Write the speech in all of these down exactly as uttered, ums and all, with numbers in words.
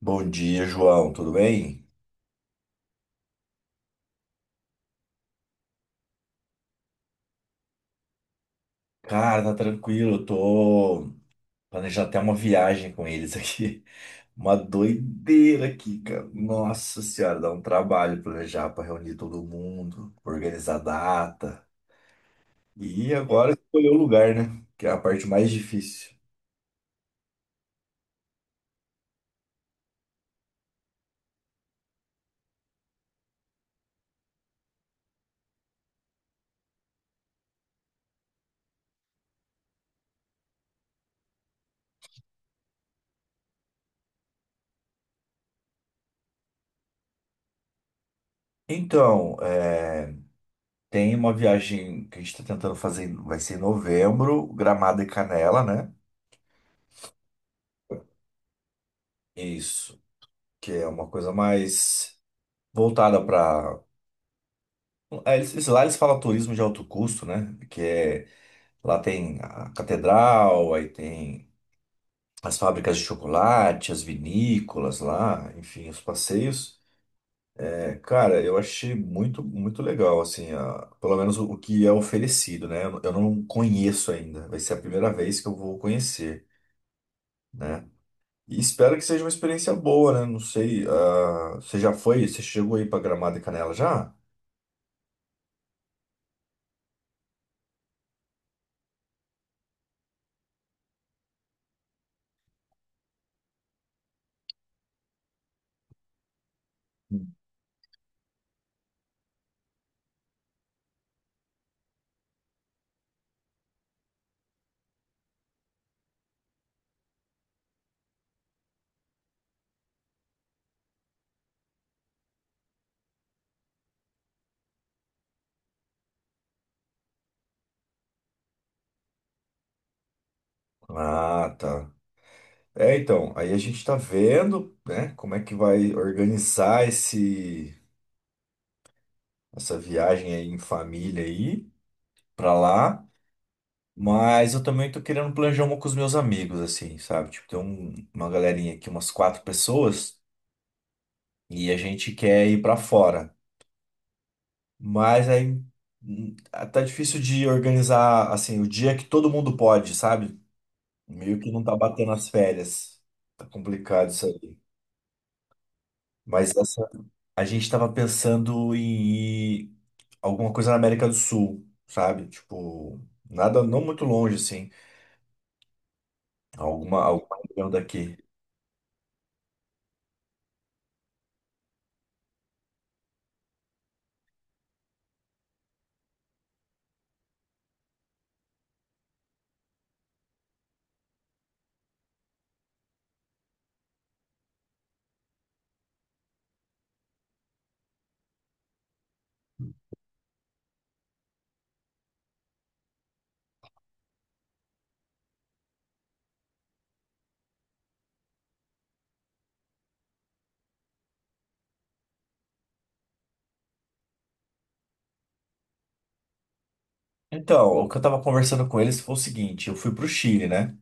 Bom dia, João. Tudo bem? Cara, tá tranquilo. Eu tô planejando até uma viagem com eles aqui. Uma doideira aqui, cara. Nossa senhora, dá um trabalho planejar pra reunir todo mundo, organizar data. E agora escolher o lugar, né? Que é a parte mais difícil. Então, é, Tem uma viagem que a gente tá tentando fazer, vai ser em novembro, Gramado e Canela, né? Isso, que é uma coisa mais voltada para. Ah, eles, lá eles falam turismo de alto custo, né? Que é, lá tem a catedral, aí tem as fábricas de chocolate, as vinícolas lá, enfim, os passeios. É, cara, eu achei muito, muito legal, assim, a- pelo menos o, o que é oferecido, né? Eu, não eu não conheço ainda, vai ser a primeira vez que eu vou conhecer, né? E espero que seja uma experiência boa, né? Não sei, ah, você já foi? Você chegou aí pra Gramado e Canela já? Hum. Ah, tá. É, então, aí a gente tá vendo, né, como é que vai organizar esse, essa viagem aí em família aí pra lá. Mas eu também tô querendo planejar uma com os meus amigos, assim, sabe? Tipo, tem um- uma galerinha aqui, umas quatro pessoas, e a gente quer ir pra fora. Mas aí hum, ah, tá difícil de organizar, assim, o dia que todo mundo pode, sabe? Meio que não tá batendo as férias. Tá complicado isso aí. Mas essa. A gente estava pensando em alguma coisa na América do Sul, sabe? Tipo, nada não muito longe, assim. Alguma, alguma região daqui. Então, o que eu tava conversando com eles foi o seguinte: eu fui pro Chile, né?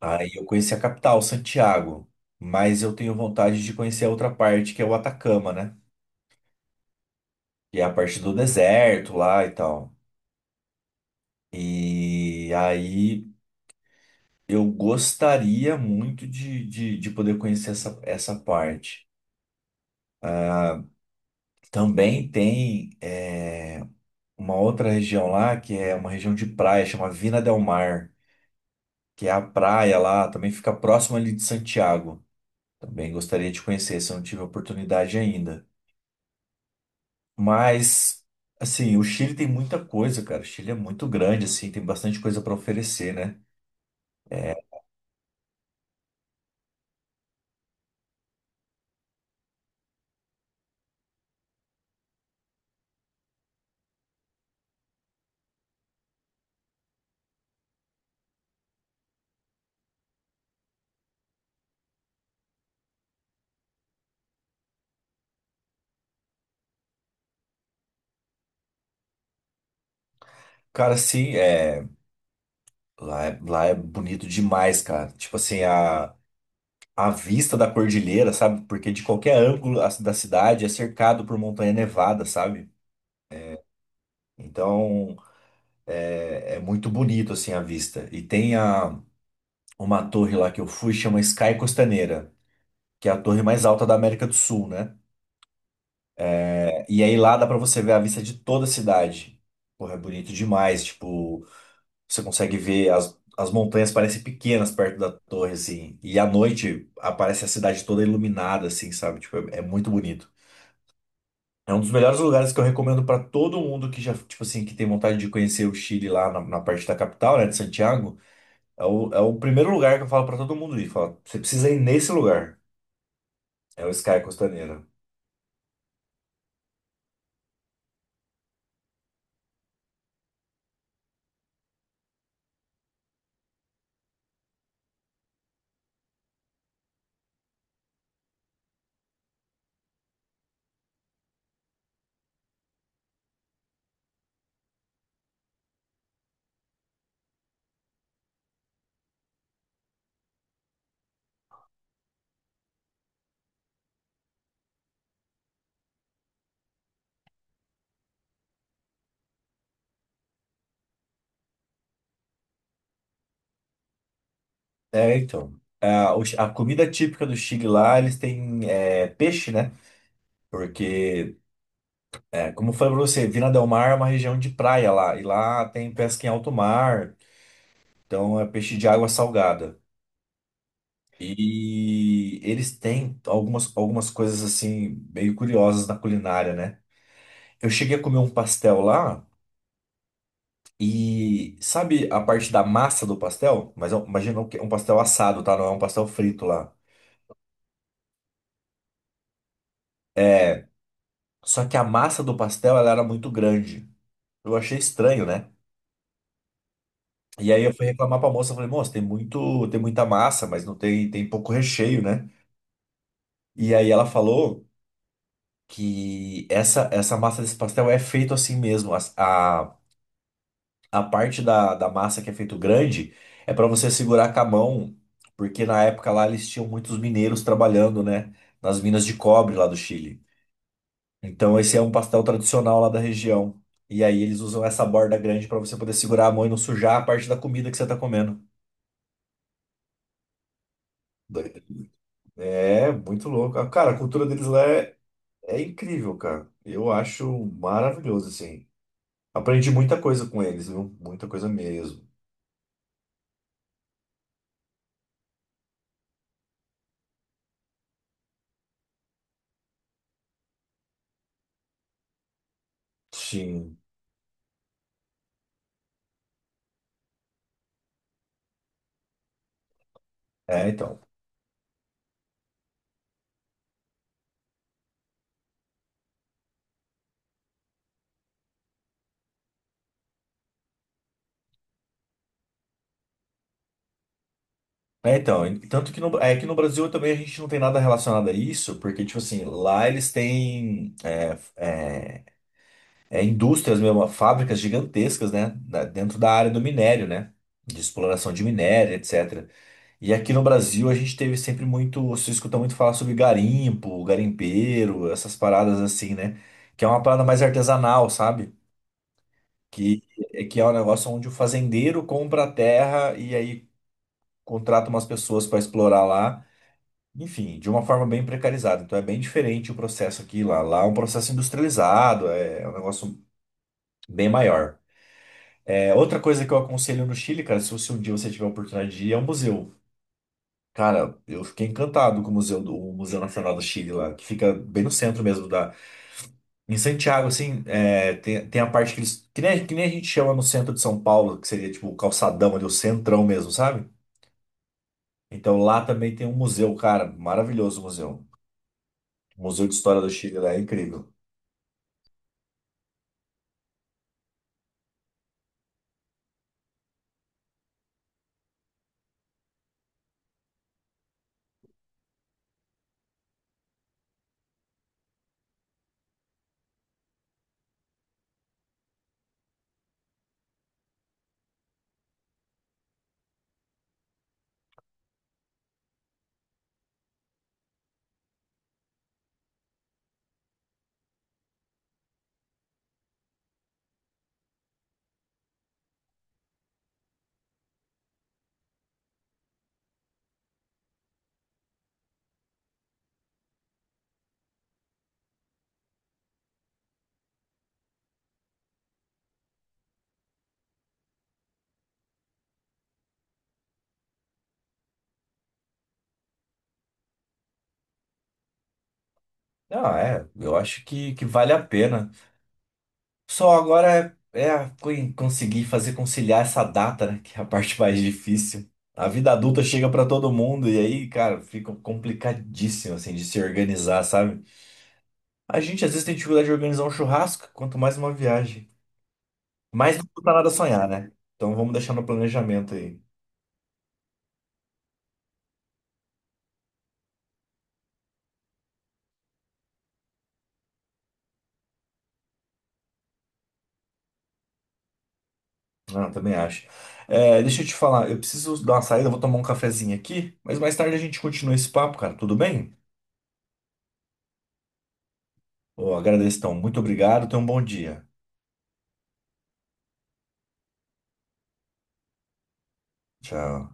Aí eu conheci a capital, Santiago. Mas eu tenho vontade de conhecer a outra parte, que é o Atacama, né? Que é a parte do deserto lá e tal. E aí eu gostaria muito de, de, de poder conhecer essa, essa parte. Também tem. É, uma outra região lá, que é uma região de praia, chama Vina del Mar, que é a praia lá, também fica próximo ali de Santiago. Também gostaria de conhecer, se eu não tive a oportunidade ainda. Mas, assim, o Chile tem muita coisa, cara. O Chile é muito grande, assim, tem bastante coisa para oferecer, né? É, Cara, assim, é, lá, é, lá é bonito demais, cara. Tipo assim, a, a vista da cordilheira, sabe? Porque de qualquer ângulo a- da cidade é cercado por montanha nevada, sabe? Então, é muito bonito assim a vista. E tem a, uma torre lá que eu fui, chama Sky Costaneira, que é a torre mais alta da América do Sul, né? E aí lá dá pra você ver a vista de toda a cidade. Porra, é bonito demais. Tipo, você consegue ver as, as montanhas parecem pequenas perto da torre, assim. E à noite aparece a cidade toda iluminada, assim, sabe? Tipo, é, é muito bonito. É um dos melhores lugares que eu recomendo pra todo mundo que já, tipo assim, que tem vontade de conhecer o Chile lá na, na parte da capital, né, de Santiago. É o, é o primeiro lugar que eu falo pra todo mundo ir. Falo, você precisa ir nesse lugar. É o Sky Costaneira. É, então. A, o chi- a comida típica do Chile lá, eles têm é, peixe, né? Porque, é, como eu falei pra você, Vina del Mar é uma região de praia lá. E lá tem pesca em alto mar. Então é peixe de água salgada. E eles têm algumas, algumas coisas assim, meio curiosas na culinária, né? Eu cheguei a comer um pastel lá. E sabe a parte da massa do pastel? Mas ó, imagina um que é um pastel assado, tá? Não é um pastel frito lá. É, só que a massa do pastel ela era muito grande. Eu achei estranho, né? E aí eu fui reclamar pra moça, eu falei, moça, tem muito, tem muita massa, mas não tem, tem pouco recheio, né? E aí ela falou que essa essa massa desse pastel é feito assim mesmo. A, a parte da, da massa que é feito grande é para você segurar com a mão, porque na época lá eles tinham muitos mineiros trabalhando, né, nas minas de cobre lá do Chile. Então esse é um pastel tradicional lá da região. E aí eles usam essa borda grande para você poder segurar a mão e não sujar a parte da comida que você tá comendo. Doido. É muito louco. Ah, cara, a cultura deles lá é, é incrível, cara. Eu acho maravilhoso, assim. Aprendi muita coisa com eles, viu? Muita coisa mesmo. Sim. É, então. É, então, e- tanto que no, é que no Brasil também a gente não tem nada relacionado a isso, porque, tipo assim, lá eles têm é, é, é, indústrias mesmo, fábricas gigantescas, né? da- Dentro da área do minério, né? De exploração de minério, etcétera. E aqui no Brasil a gente teve sempre muito, se escuta muito falar sobre garimpo, garimpeiro, essas paradas assim, né? Que é uma parada mais artesanal, sabe? Que, É que é um negócio onde o fazendeiro compra a terra e aí contrata umas pessoas para explorar lá. Enfim, de uma forma bem precarizada. Então é bem diferente o processo aqui e lá. Lá é um processo industrializado, é um negócio bem maior. É, outra coisa que eu aconselho no Chile, cara, se você um dia você tiver a oportunidade de ir, é o museu. Cara, eu fiquei encantado com o museu, do, o Museu Nacional do Chile lá, que fica bem no centro mesmo da. Em Santiago, assim, é, tem, tem a parte que eles. Que nem, que nem a gente chama no centro de São Paulo, que seria tipo o calçadão ali, o centrão mesmo, sabe? Então lá também tem um museu, cara, maravilhoso o museu. O Museu de História do Chile lá é incrível. Não, é, eu acho que, que vale a pena. Só agora é, é co- conseguir fazer conciliar essa data, né? Que é a parte mais difícil. A vida adulta chega pra todo mundo e aí, cara, fica complicadíssimo, assim, de se organizar, sabe? A gente às vezes tem dificuldade de organizar um churrasco, quanto mais uma viagem. Mas não custa nada sonhar, né? Então vamos deixar no planejamento aí. Não, também acho. É, deixa eu te falar, eu preciso dar uma saída, eu vou tomar um cafezinho aqui, mas mais tarde a gente continua esse papo, cara, tudo bem? Eu agradeço, então. Muito obrigado. Tenha um bom dia. Tchau.